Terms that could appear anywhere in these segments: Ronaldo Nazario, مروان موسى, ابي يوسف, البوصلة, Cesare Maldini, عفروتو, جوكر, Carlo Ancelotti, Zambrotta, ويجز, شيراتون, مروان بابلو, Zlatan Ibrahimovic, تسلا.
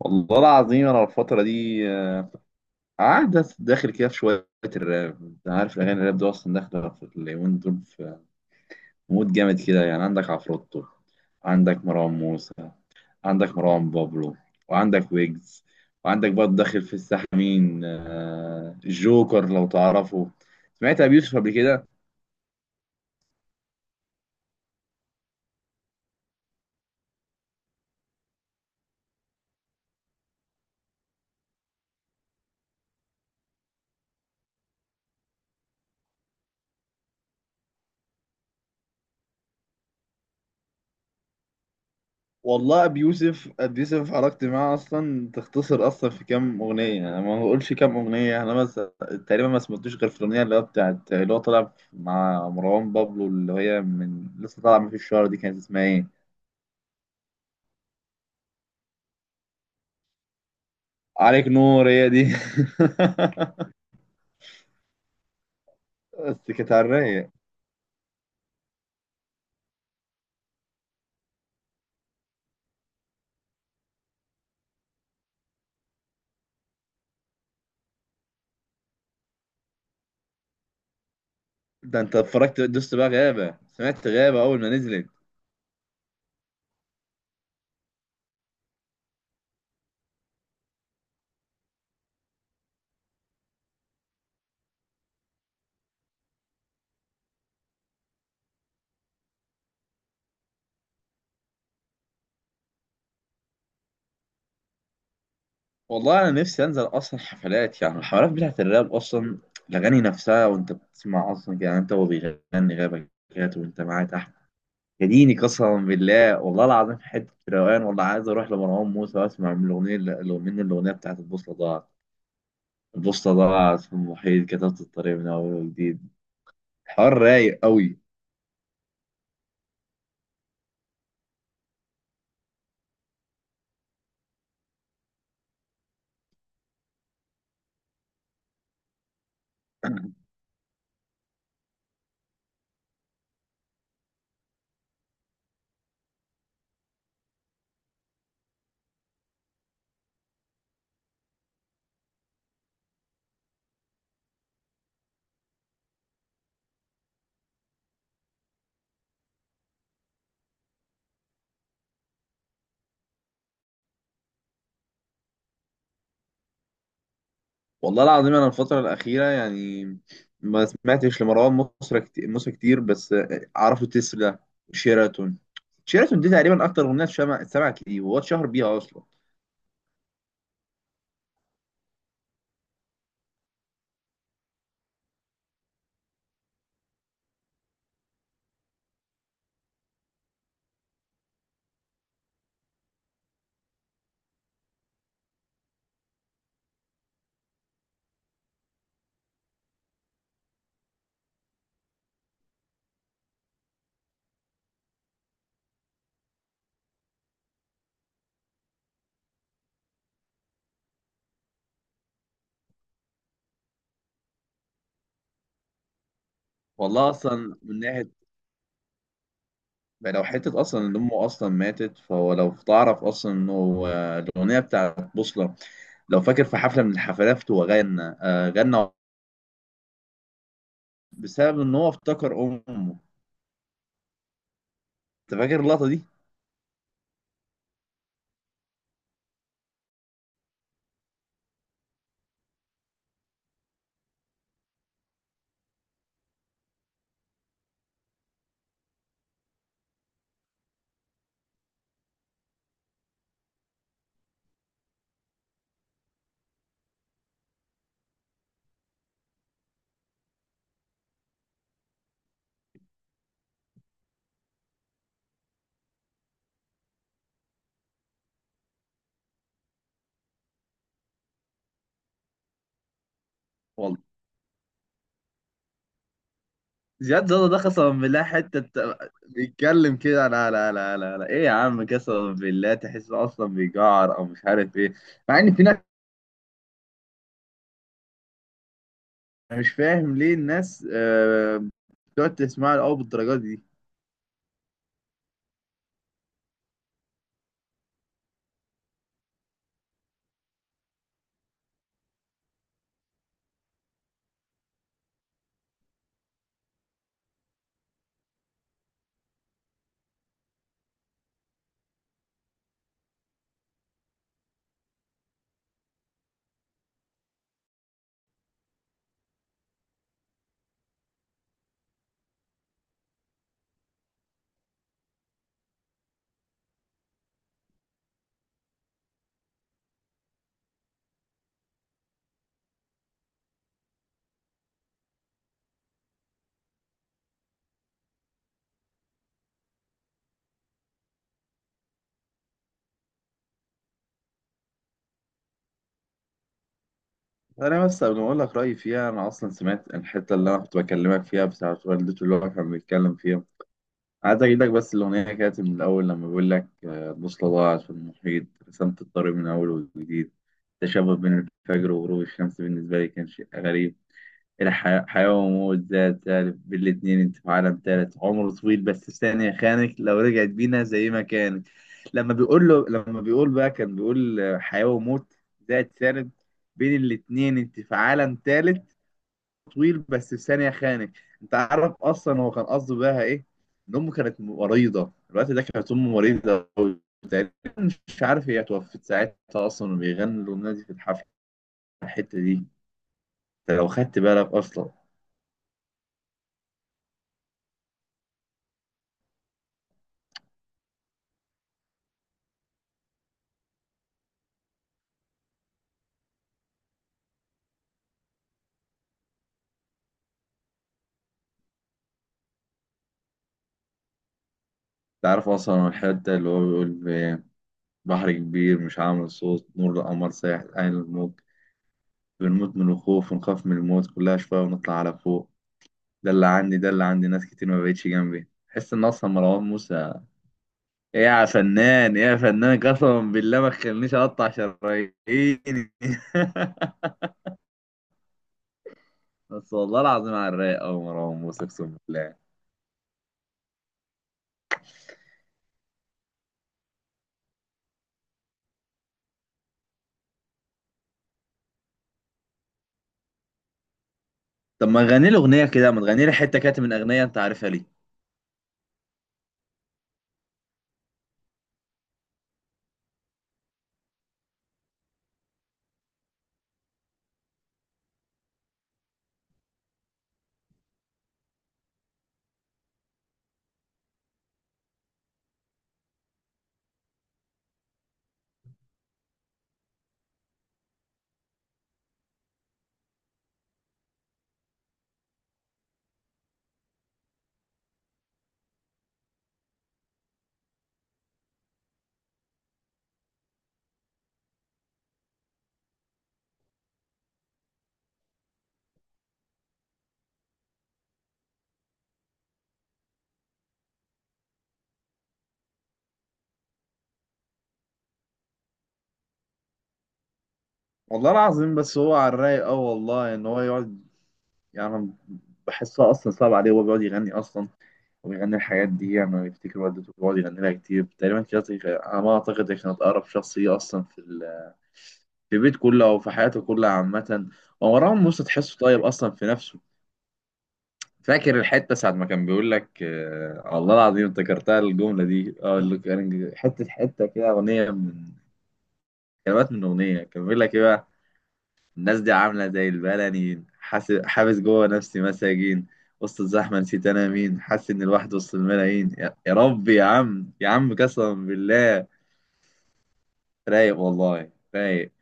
والله العظيم، انا الفتره دي قاعد داخل كده في شويه الراب. انت عارف الاغاني الراب دي اصلا داخله في اليومين دول في مود جامد كده، يعني عندك عفروتو، عندك مروان موسى، عندك مروان بابلو، وعندك ويجز، وعندك برضه داخل في الساحه مين جوكر، لو تعرفه. سمعت ابي يوسف قبل كده؟ والله ابي يوسف، ابي يوسف حركت معاه اصلا تختصر، اصلا في كام اغنيه، انا ما بقولش كام اغنيه يعني. انا بس تقريبا ما سمعتوش غير في الاغنيه اللي هو بتاعت، اللي هو طالع مع مروان بابلو، اللي هي من لسه طالعه من في الشهر دي، كانت اسمها ايه؟ عليك نور، هي دي. بس كانت على الرايق. ده انت اتفرجت دوست بقى غابه؟ سمعت غابه اول ما نزلت. والله انا نفسي انزل اصلا حفلات، يعني الحفلات بتاعت الراب، اصلا الاغاني نفسها. وانت بتسمع اصلا، يعني انت وهو بيغني غابه كده وانت معاه تحت، يا ديني! قسما بالله، والله العظيم، حته روقان. والله عايز اروح لمروان موسى واسمع من الاغنيه من الاغنيه بتاعت البوصله ضاعت. البوصله ضاعت في المحيط، كتبت الطريق من اول وجديد. حوار رايق قوي. والله العظيم انا الفتره الاخيره يعني ما سمعتش لمروان موسى كتير، موسى كتير، بس اعرفه تسلا وشيراتون. شيراتون دي تقريبا اكتر اغنيه اتسمعت ليه، وهو اتشهر بيها اصلا. والله اصلا من ناحيه، لو حتة أصلا إن أمه أصلا ماتت، فهو لو تعرف أصلا إنه الأغنية بتاعت بوصلة، لو فاكر في حفلة من الحفلات هو غنى بسبب إن هو افتكر أمه. أنت فاكر اللقطة دي؟ والله زياد زادة ده قسما بالله، بيتكلم كده، لا لا لا لا لا، إيه يا عم؟ قسما بالله تحس أصلا بيجعر أو مش عارف إيه، مع إن في ناس. أنا مش فاهم ليه الناس بتقعد تسمعها أو بالدرجات دي. انا بس قبل ما اقول لك رايي فيها، انا اصلا سمعت الحته اللي انا كنت بكلمك فيها بتاعه والدته، اللي هو كان بيتكلم فيها. عايز اجيب لك بس الاغنيه كانت من الاول، لما بيقول لك البوصله ضاعت في المحيط، رسمت الطريق من اول وجديد. تشابه بين الفجر وغروب الشمس بالنسبه لي كان شيء غريب. إلى حياة، حياة وموت، ذات ألف بالاتنين، أنت في عالم تالت، عمره طويل بس ثانية خانك، لو رجعت بينا زي ما كانت. لما بيقول بقى، كان بيقول حياة وموت، ذات ثالث، بين الاتنين أنت في عالم تالت، طويل بس ثانية خانك. أنت عارف أصلا هو كان قصده بقى إيه؟ إن أمه كانت مريضة الوقت ده، كانت أمه مريضة أوي تقريبا. مش عارف هي توفت ساعتها أصلا وبيغنوا الأغنية دي في الحفلة، الحتة دي. أنت لو خدت بالك أصلا تعرف أصلا الحتة اللي هو بيقول في: بحر كبير مش عامل صوت، نور القمر سايح عين الموج، بنموت من الخوف ونخاف من الموت، كلها شوية ونطلع على فوق. ده اللي عندي، ده اللي عندي ناس كتير ما بقتش جنبي، تحس إن أصلا مروان موسى، إيه يا فنان، إيه يا فنان، قسما بالله ما تخلينيش أقطع شراييني. بس والله العظيم على الرايق أوي مروان موسى، أقسم بالله. طب ما تغني لي أغنية كده، ما تغني لي حتة كاتب من أغنية، أنت عارفها ليه. والله العظيم بس هو على الرايق أوي، والله إن هو يقعد، يعني أنا بحسها أصلا صعب عليه وهو بيقعد يغني أصلا، وبيغني الحاجات دي يعني بيفتكر والدته، بيقعد يغني لها كتير تقريبا كده على ما أعتقد هي كانت أقرب شخصية أصلا في البيت كله أو في حياته كلها عامة. ومروان موسى تحسه طيب أصلا في نفسه. فاكر الحتة ساعة ما كان بيقول لك والله العظيم، افتكرتها الجملة دي، اللي كان حتة حتة كده أغنية، من كلمات من أغنية كان بيقول لك إيه بقى: الناس دي عاملة زي البلنيين، حابس جوه نفسي مساجين، وسط الزحمة نسيت أنا مين، حاسس إن الواحد وسط الملايين، يا ربي، يا عم، يا عم، قسما بالله. رايق والله، رايق.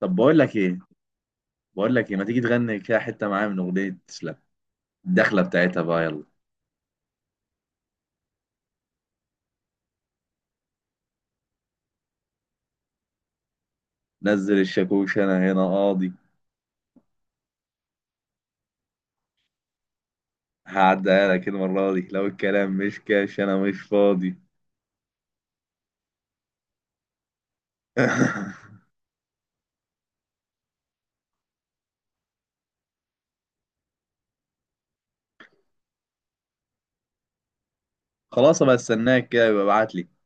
طب بقول لك إيه، بقول لك إيه، ما تيجي تغني كده حتة معايا من أغنية تسلم، الدخلة بتاعتها بقى، يلا: نزل الشاكوش أنا هنا قاضي، هعديها لك المرة دي لو الكلام مش كاش أنا مش فاضي. خلاص بقى، استناك كده يبقى ابعت لي.